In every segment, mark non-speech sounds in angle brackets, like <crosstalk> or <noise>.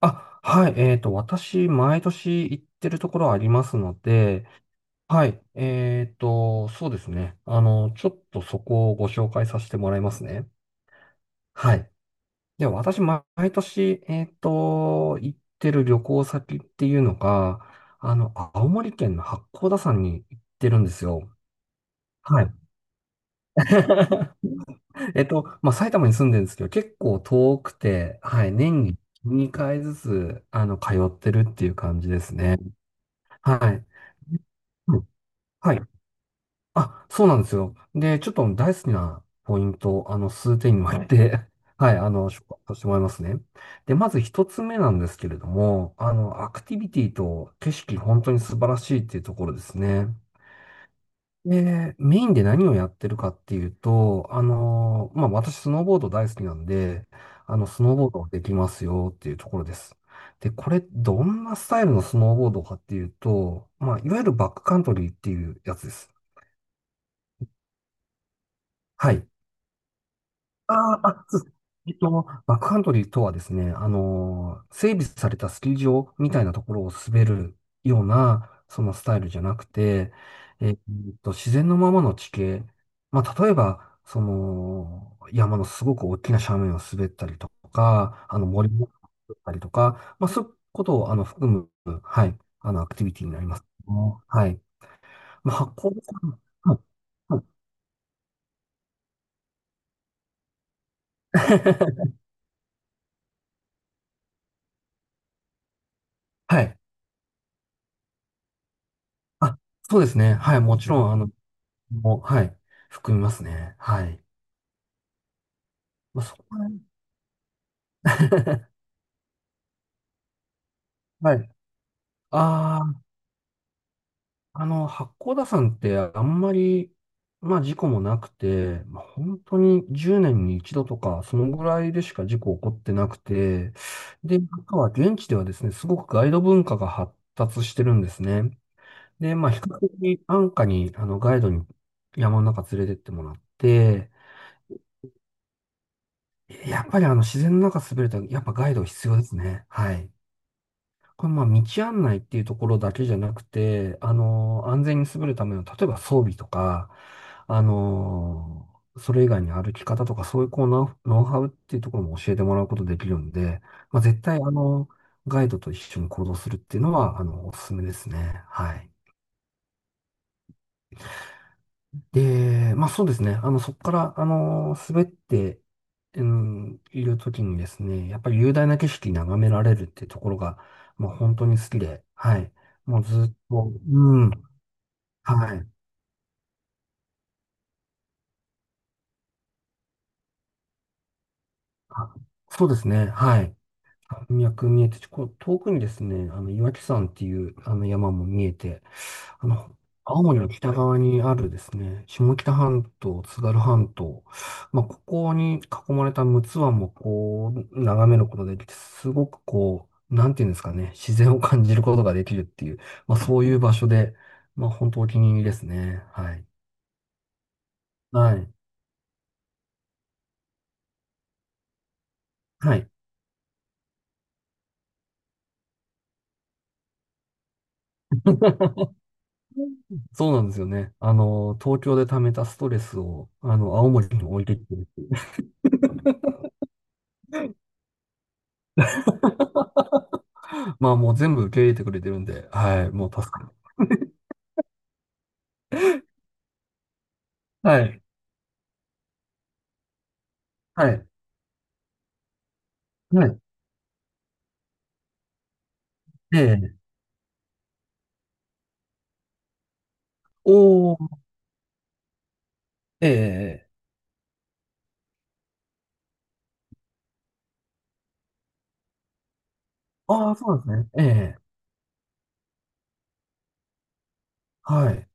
あ、はい。私、毎年行ってるところありますので、はい。そうですね。ちょっとそこをご紹介させてもらいますね。はい。では、私、毎年、行ってる旅行先っていうのが、青森県の八甲田山に行ってるんですよ。はい。<laughs> まあ、埼玉に住んでるんですけど、結構遠くて、はい。年に2回ずつ、通ってるっていう感じですね。はい。うん。はい。あ、そうなんですよ。で、ちょっと大好きなポイントを、数点に分けて、<laughs> はい、紹介させてもらいますね。で、まず一つ目なんですけれども、アクティビティと景色、本当に素晴らしいっていうところですね。で、メインで何をやってるかっていうと、まあ、私、スノーボード大好きなんで、スノーボードできますよっていうところです。で、これ、どんなスタイルのスノーボードかっていうと、まあ、いわゆるバックカントリーっていうやつです。はい。そうです。バックカントリーとはですね、整備されたスキー場みたいなところを滑るような、そのスタイルじゃなくて、えっ自然のままの地形、まあ、例えば、その、山のすごく大きな斜面を滑ったりとか、森を滑ったりとか、まあ、そういうことを、含む、はい、アクティビティになりますね。はい。まあ、発酵ですかね。はい。はい。 <laughs> はい。あ、そうですね。はい。もちろん、もう、はい、含みますね。はい。まあ、そこは。<laughs> はい。ああ、八甲田山ってあんまり、まあ事故もなくて、まあ、本当に10年に一度とか、そのぐらいでしか事故起こってなくて、で、あとは現地ではですね、すごくガイド文化が発達してるんですね。で、まあ比較的安価に、ガイドに山の中連れてってもらって、やっぱり自然の中滑ると、やっぱガイド必要ですね。はい。これまあ道案内っていうところだけじゃなくて、安全に優れるための、例えば装備とか、あの、それ以外に歩き方とか、そういうこうノウハウっていうところも教えてもらうことできるんで、まあ絶対ガイドと一緒に行動するっていうのは、おすすめですね。はい。で、まあそうですね。そこから、滑って、うん、いるときにですね、やっぱり雄大な景色眺められるっていうところが、まあ本当に好きで、はい。もうずっと、うん、はい。あ、そうですね、はい。山脈見えて、こう遠くにですね、岩木山っていうあの山も見えて、あの、青森の北側にあるですね、下北半島、津軽半島、まあ、ここに囲まれた陸奥湾もこう、眺めることができて、すごくこう、なんていうんですかね、自然を感じることができるっていう、まあ、そういう場所で、まあ、本当お気に入りですね。はい。はい。はい。<laughs> そうなんですよね。東京で溜めたストレスを、青森に置いていて、まあもう全部受け入れてくれてるんで、はい、もう助かる。はい、はい、はい、ええ、おー、ええ、ああ、そうなんですね。ええ、はい。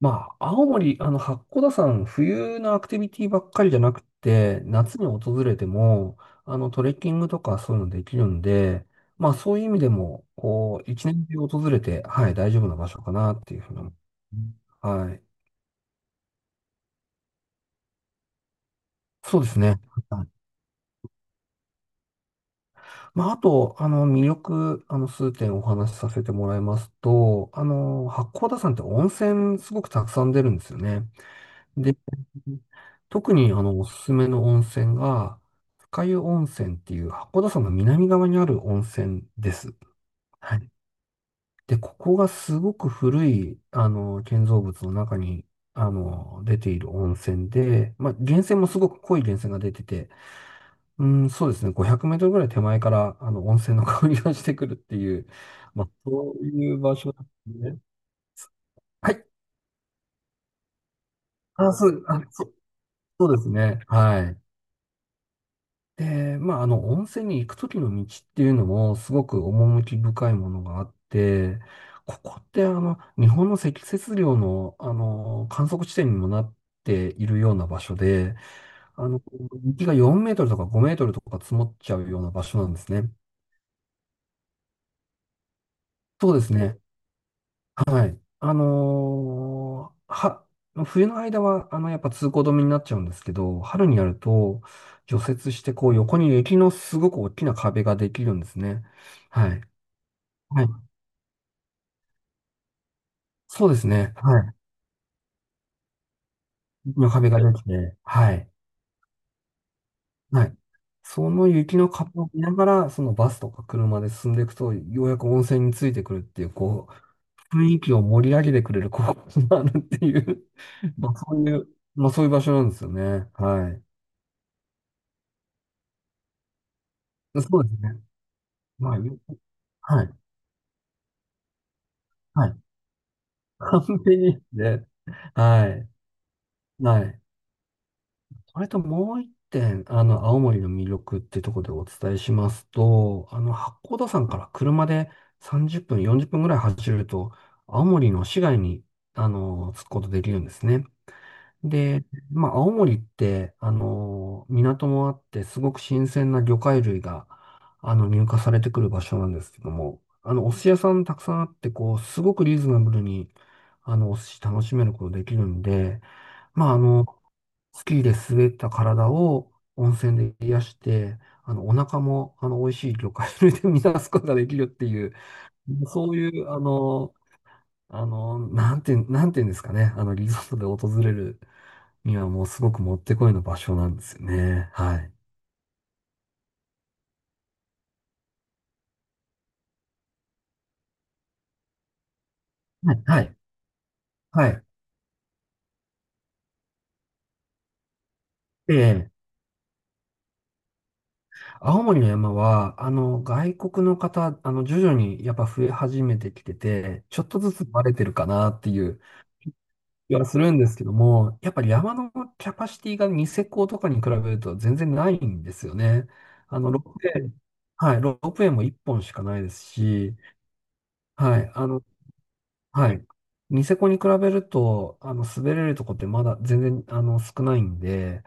まあ、青森、八甲田山、冬のアクティビティばっかりじゃなくて、夏に訪れても、トレッキングとかそういうのできるんで、まあ、そういう意味でも、こう、一年中訪れて、はい、大丈夫な場所かなっていうふうに思う。はい。そうですね。まあ、あと、魅力、数点お話しさせてもらいますと、八甲田山って温泉すごくたくさん出るんですよね。で、特に、おすすめの温泉が、深湯温泉っていう八甲田山の南側にある温泉です。はい。で、ここがすごく古い、建造物の中に、出ている温泉で、まあ、源泉もすごく濃い源泉が出てて、うん、そうですね。500メートルぐらい手前から、温泉の香りがしてくるっていう、まあ、そういう場所ですね。はい。あ、そう、あ、そう、そうですね。はい。で、まあ、温泉に行くときの道っていうのも、すごく趣深いものがあって、ここって、日本の積雪量の、観測地点にもなっているような場所で、あの、雪が4メートルとか5メートルとか積もっちゃうような場所なんですね。そうですね。はい。あのーは、冬の間は、やっぱ通行止めになっちゃうんですけど、春になると、除雪して、こう、横に雪のすごく大きな壁ができるんですね。はい。はい。そうですね。はい。雪の壁ができて、はい。はい。その雪の壁を見ながら、そのバスとか車で進んでいくと、ようやく温泉についてくるっていう、こう、雰囲気を盛り上げてくれるこ告があ <laughs> るっていう、まあ、そういう、まあ、そういう場所なんですよね。はい。そうですね。まあ、はい。はい。<laughs> 完璧ですね。はい。はい。それともう一点、青森の魅力ってところでお伝えしますと、八甲田山から車で30分、40分ぐらい走ると、青森の市街に、着くことできるんですね。で、まあ、青森って、港もあって、すごく新鮮な魚介類が、入荷されてくる場所なんですけども、お寿司屋さんたくさんあって、こう、すごくリーズナブルに、お寿司楽しめることできるんで、まあ、スキーで滑った体を温泉で癒して、お腹も、美味しい魚介類で満たすことができるっていう、そういう、なんていうんですかね、リゾートで訪れるにはもうすごくもってこいの場所なんですよね。はい。はい、はい、はい。で、青森の山は、外国の方、徐々にやっぱ増え始めてきてて、ちょっとずつバレてるかなっていう気はするんですけども、やっぱり山のキャパシティがニセコとかに比べると全然ないんですよね。あの、ロープウェイ、はい、ロープウェイも1本しかないですし、はい、はい。ニセコに比べると、滑れるとこってまだ全然、少ないんで、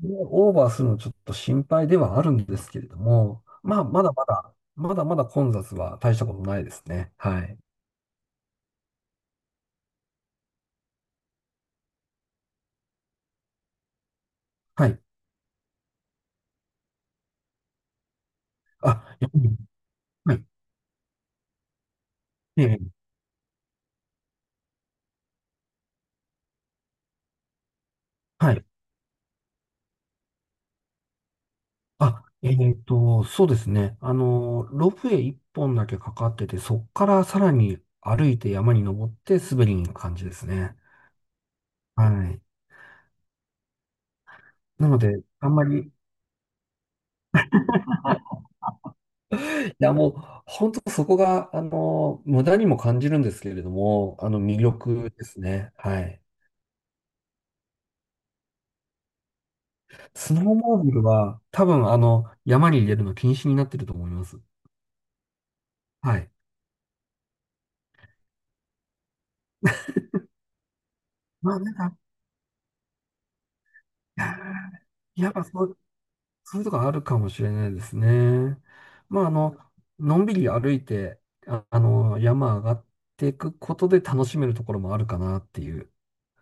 でオーバーするのちょっと心配ではあるんですけれども、まあ、まだまだ、まだまだ混雑は大したことないですね。はい。はい。あ、やっぱり。はい。ええ。はい。あ、そうですね。ロープウェイ1本だけかかってて、そっからさらに歩いて山に登って滑りに行く感じですね。はい。なので、あんまり、いや、もう、本当そこが、無駄にも感じるんですけれども、魅力ですね。はい。スノーモービルは、多分、山に入れるの禁止になってると思います。はい。まあ、なんか、いやーやっぱそういうとこあるかもしれないですね。まあ、のんびり歩いて、あ、山上がっていくことで楽しめるところもあるかなっていう、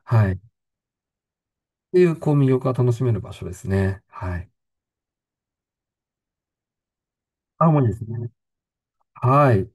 はい。っていう、こう、魅力が楽しめる場所ですね。はい。青森ですね。はい。